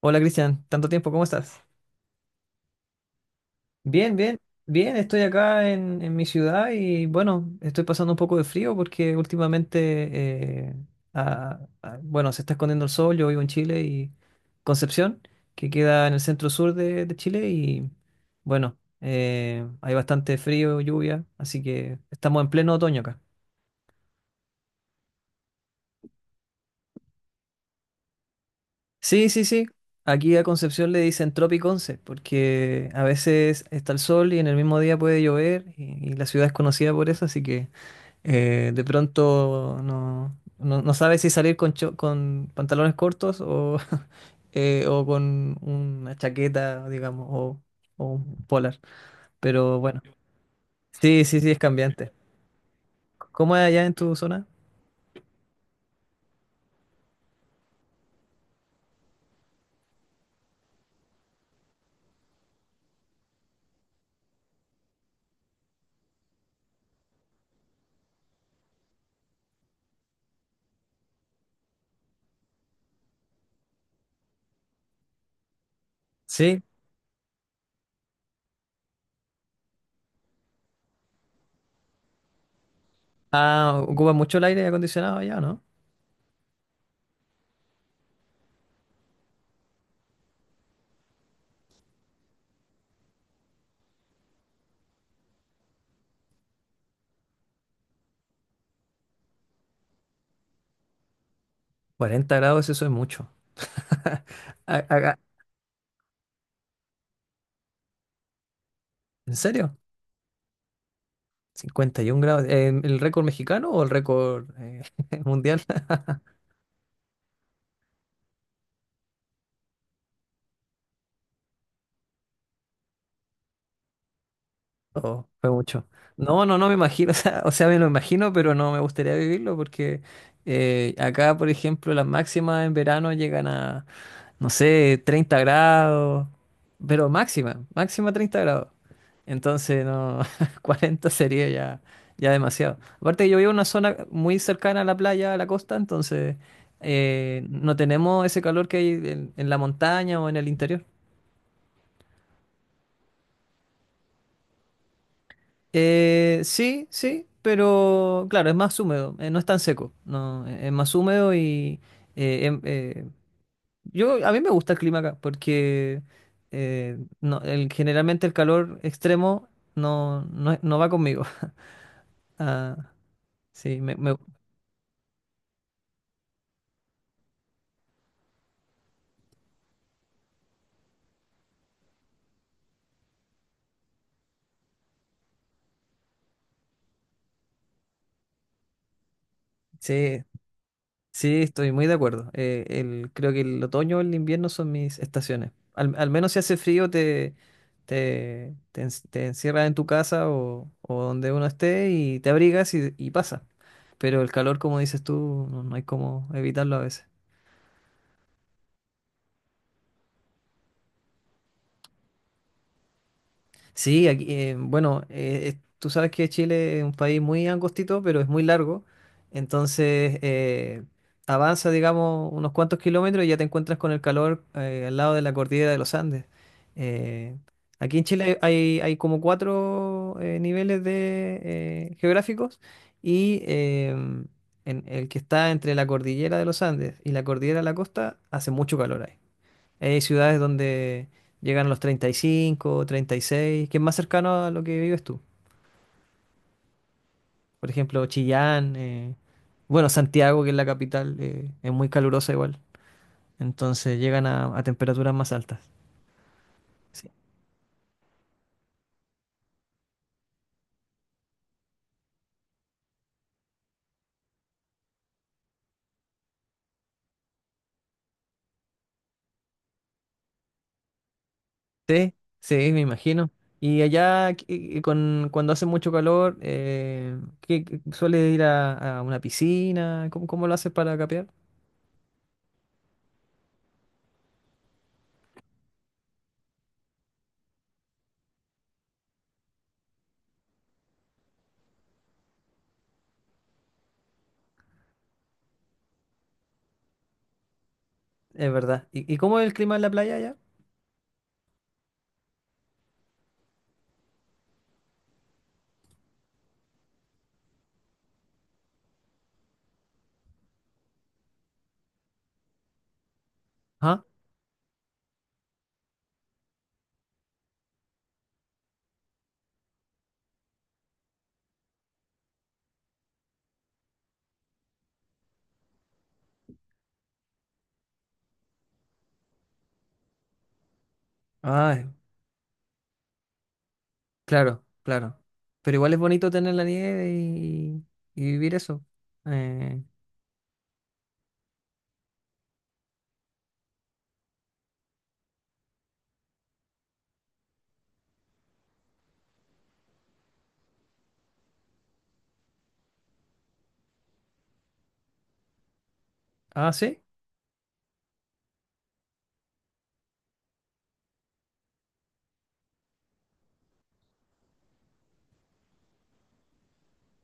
Hola Cristian, tanto tiempo, ¿cómo estás? Bien, bien, estoy acá en mi ciudad y bueno, estoy pasando un poco de frío porque últimamente, bueno, se está escondiendo el sol, yo vivo en Chile y Concepción, que queda en el centro sur de Chile y bueno, hay bastante frío, lluvia, así que estamos en pleno otoño acá. Sí, sí, sí. Aquí a Concepción le dicen Tropic 11, porque a veces está el sol y en el mismo día puede llover y la ciudad es conocida por eso, así que de pronto no sabes si salir con, con pantalones cortos o, o con una chaqueta, digamos, o un polar. Pero bueno, sí, sí, sí, es cambiante. ¿Cómo es allá en tu zona? Sí. Ah, ocupa mucho el aire acondicionado allá, ¿no? 40 grados, eso es mucho. A- a- ¿En serio? 51 grados. ¿El récord mexicano o el récord mundial? Oh, fue mucho. No me imagino. O sea, me lo imagino, pero no me gustaría vivirlo porque acá, por ejemplo, las máximas en verano llegan a no sé, 30 grados, pero máxima, máxima 30 grados. Entonces, no, 40 sería ya, ya demasiado. Aparte, yo vivo en una zona muy cercana a la playa, a la costa, entonces no tenemos ese calor que hay en la montaña o en el interior. Sí, sí, pero claro, es más húmedo, no es tan seco, no, es más húmedo y... eh, em- eh, Yo, a mí me gusta el clima acá porque no, el, generalmente el calor extremo no va conmigo. Ah, sí, sí, sí, estoy muy de acuerdo. Creo que el otoño o el invierno son mis estaciones. Al menos si hace frío te encierras en tu casa o donde uno esté y te abrigas y pasa. Pero el calor, como dices tú, no, no hay cómo evitarlo a veces. Sí, aquí, bueno, tú sabes que Chile es un país muy angostito, pero es muy largo. Entonces, avanza, digamos, unos cuantos kilómetros y ya te encuentras con el calor al lado de la cordillera de los Andes. Eh, aquí en Chile hay, hay como cuatro niveles de, geográficos y en el que está entre la cordillera de los Andes y la cordillera de la costa hace mucho calor ahí. Hay ciudades donde llegan los treinta treinta y cinco treinta y seis que es más cercano a lo que vives tú. Por ejemplo, Chillán, bueno, Santiago, que es la capital, es muy calurosa igual. Entonces llegan a temperaturas más altas. Sí, sí, sí, me imagino. Y allá, cuando hace mucho calor, ¿sueles ir a una piscina? ¿Cómo, cómo lo haces para capear? Es verdad. Y cómo es el clima en la playa allá? Ajá. Ah, claro, claro. Pero igual es bonito tener la nieve y vivir eso. Eh, ah, sí.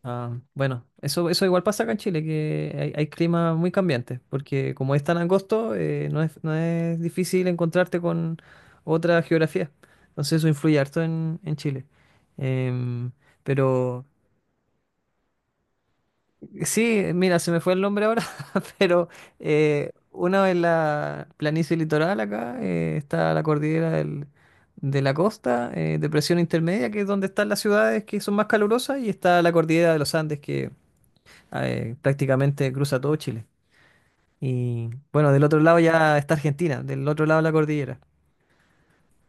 Ah, bueno, eso igual pasa acá en Chile, que hay climas muy cambiantes, porque como es tan angosto, no es, no es difícil encontrarte con otra geografía. Entonces eso influye harto en Chile. Em, pero... Sí, mira, se me fue el nombre ahora, pero una en la planicie litoral acá está la cordillera de la costa, depresión intermedia, que es donde están las ciudades que son más calurosas, y está la cordillera de los Andes, que prácticamente cruza todo Chile. Y bueno, del otro lado ya está Argentina, del otro lado de la cordillera.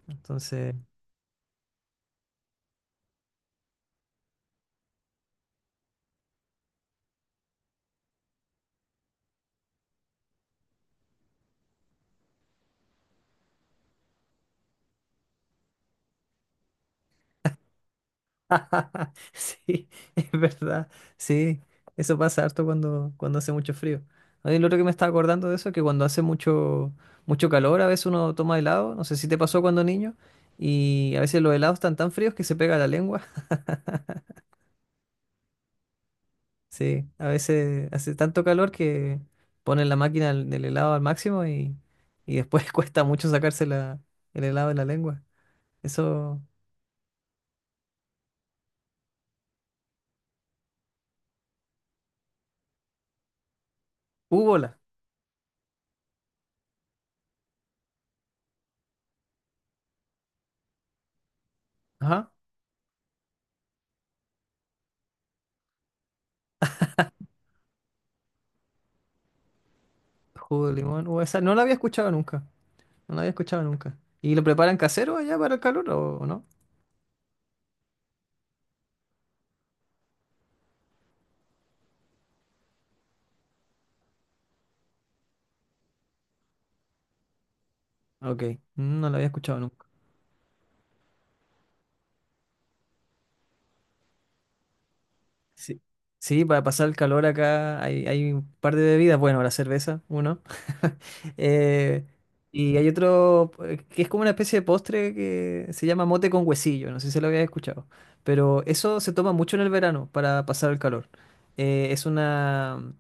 Entonces. Sí, es verdad. Sí, eso pasa harto cuando, cuando hace mucho frío. Oye, lo otro que me estaba acordando de eso, es que cuando hace mucho, mucho calor, a veces uno toma helado, no sé si te pasó cuando niño, y a veces los helados están tan fríos que se pega la lengua. Sí, a veces hace tanto calor que ponen la máquina del helado al máximo y después cuesta mucho sacarse la, el helado de la lengua. Eso, hubo la, ajá, jugo de limón, esa no la había escuchado nunca. No lo había escuchado nunca. ¿Y lo preparan casero allá para el calor o no? Ok, mm, no lo había escuchado nunca. Sí. Sí, para pasar el calor acá hay, hay un par de bebidas. Bueno, la cerveza, uno. Eh, y hay otro que es como una especie de postre que se llama mote con huesillo. No sé si lo habías escuchado. Pero eso se toma mucho en el verano para pasar el calor. Es una.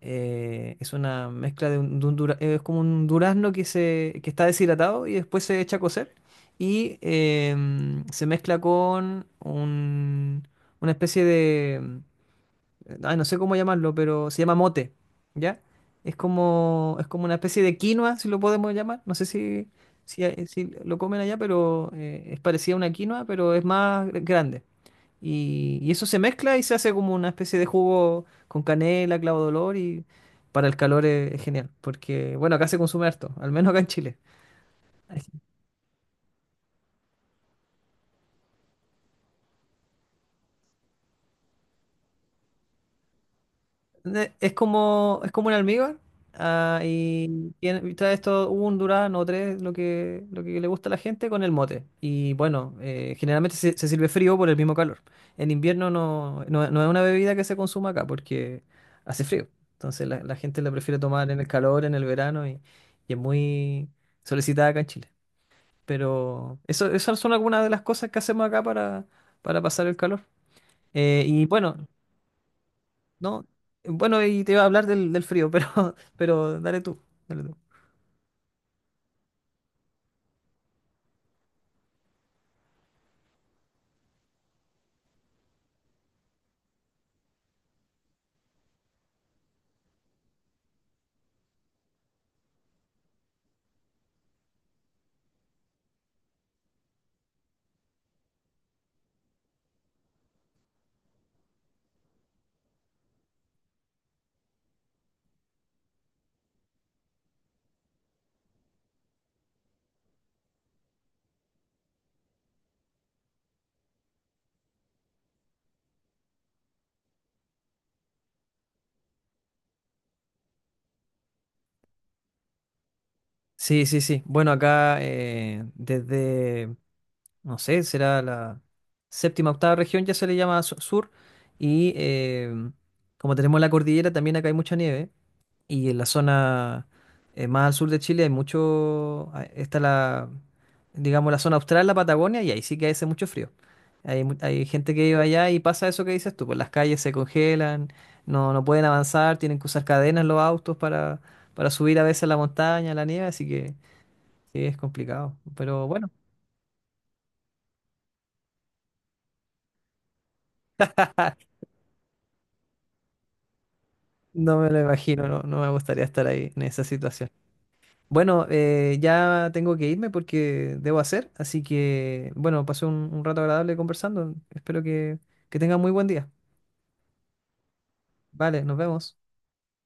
Es una mezcla de un es como un durazno que se que está deshidratado y después se echa a cocer y se mezcla con una especie de ay, no sé cómo llamarlo, pero se llama mote, ¿ya? Es como una especie de quinoa, si lo podemos llamar, no sé si si lo comen allá, pero es parecida a una quinoa, pero es más grande. Y eso se mezcla y se hace como una especie de jugo con canela, clavo de olor y para el calor es genial, porque bueno, acá se consume harto, al menos acá en Chile. Es como un almíbar. Ah, y trae esto un durazno o tres, lo que le gusta a la gente, con el mote. Y bueno, generalmente se, se sirve frío por el mismo calor. En invierno no es una bebida que se consuma acá porque hace frío. Entonces la gente la prefiere tomar en el calor, en el verano y es muy solicitada acá en Chile. Pero eso, esas son algunas de las cosas que hacemos acá para pasar el calor. Y bueno. No, bueno, y te iba a hablar del, del frío, pero, pero dale tú, dale tú. Sí, sí, sí. Bueno, acá desde no sé, será la séptima, octava región, ya se le llama sur. Y como tenemos la cordillera, también acá hay mucha nieve. Y en la zona más al sur de Chile hay mucho, ah, está la, digamos, la zona austral, la Patagonia, y ahí sí que hace mucho frío. Hay, hay gente que vive allá y pasa eso que dices tú, pues las calles se congelan, no, no pueden avanzar, tienen que usar cadenas los autos para subir a veces a la montaña, a la nieve, así que sí, es complicado. Pero bueno. No me lo imagino, no, no me gustaría estar ahí en esa situación. Bueno, ya tengo que irme porque debo hacer, así que bueno, pasé un rato agradable conversando. Espero que tengan muy buen día. Vale, nos vemos.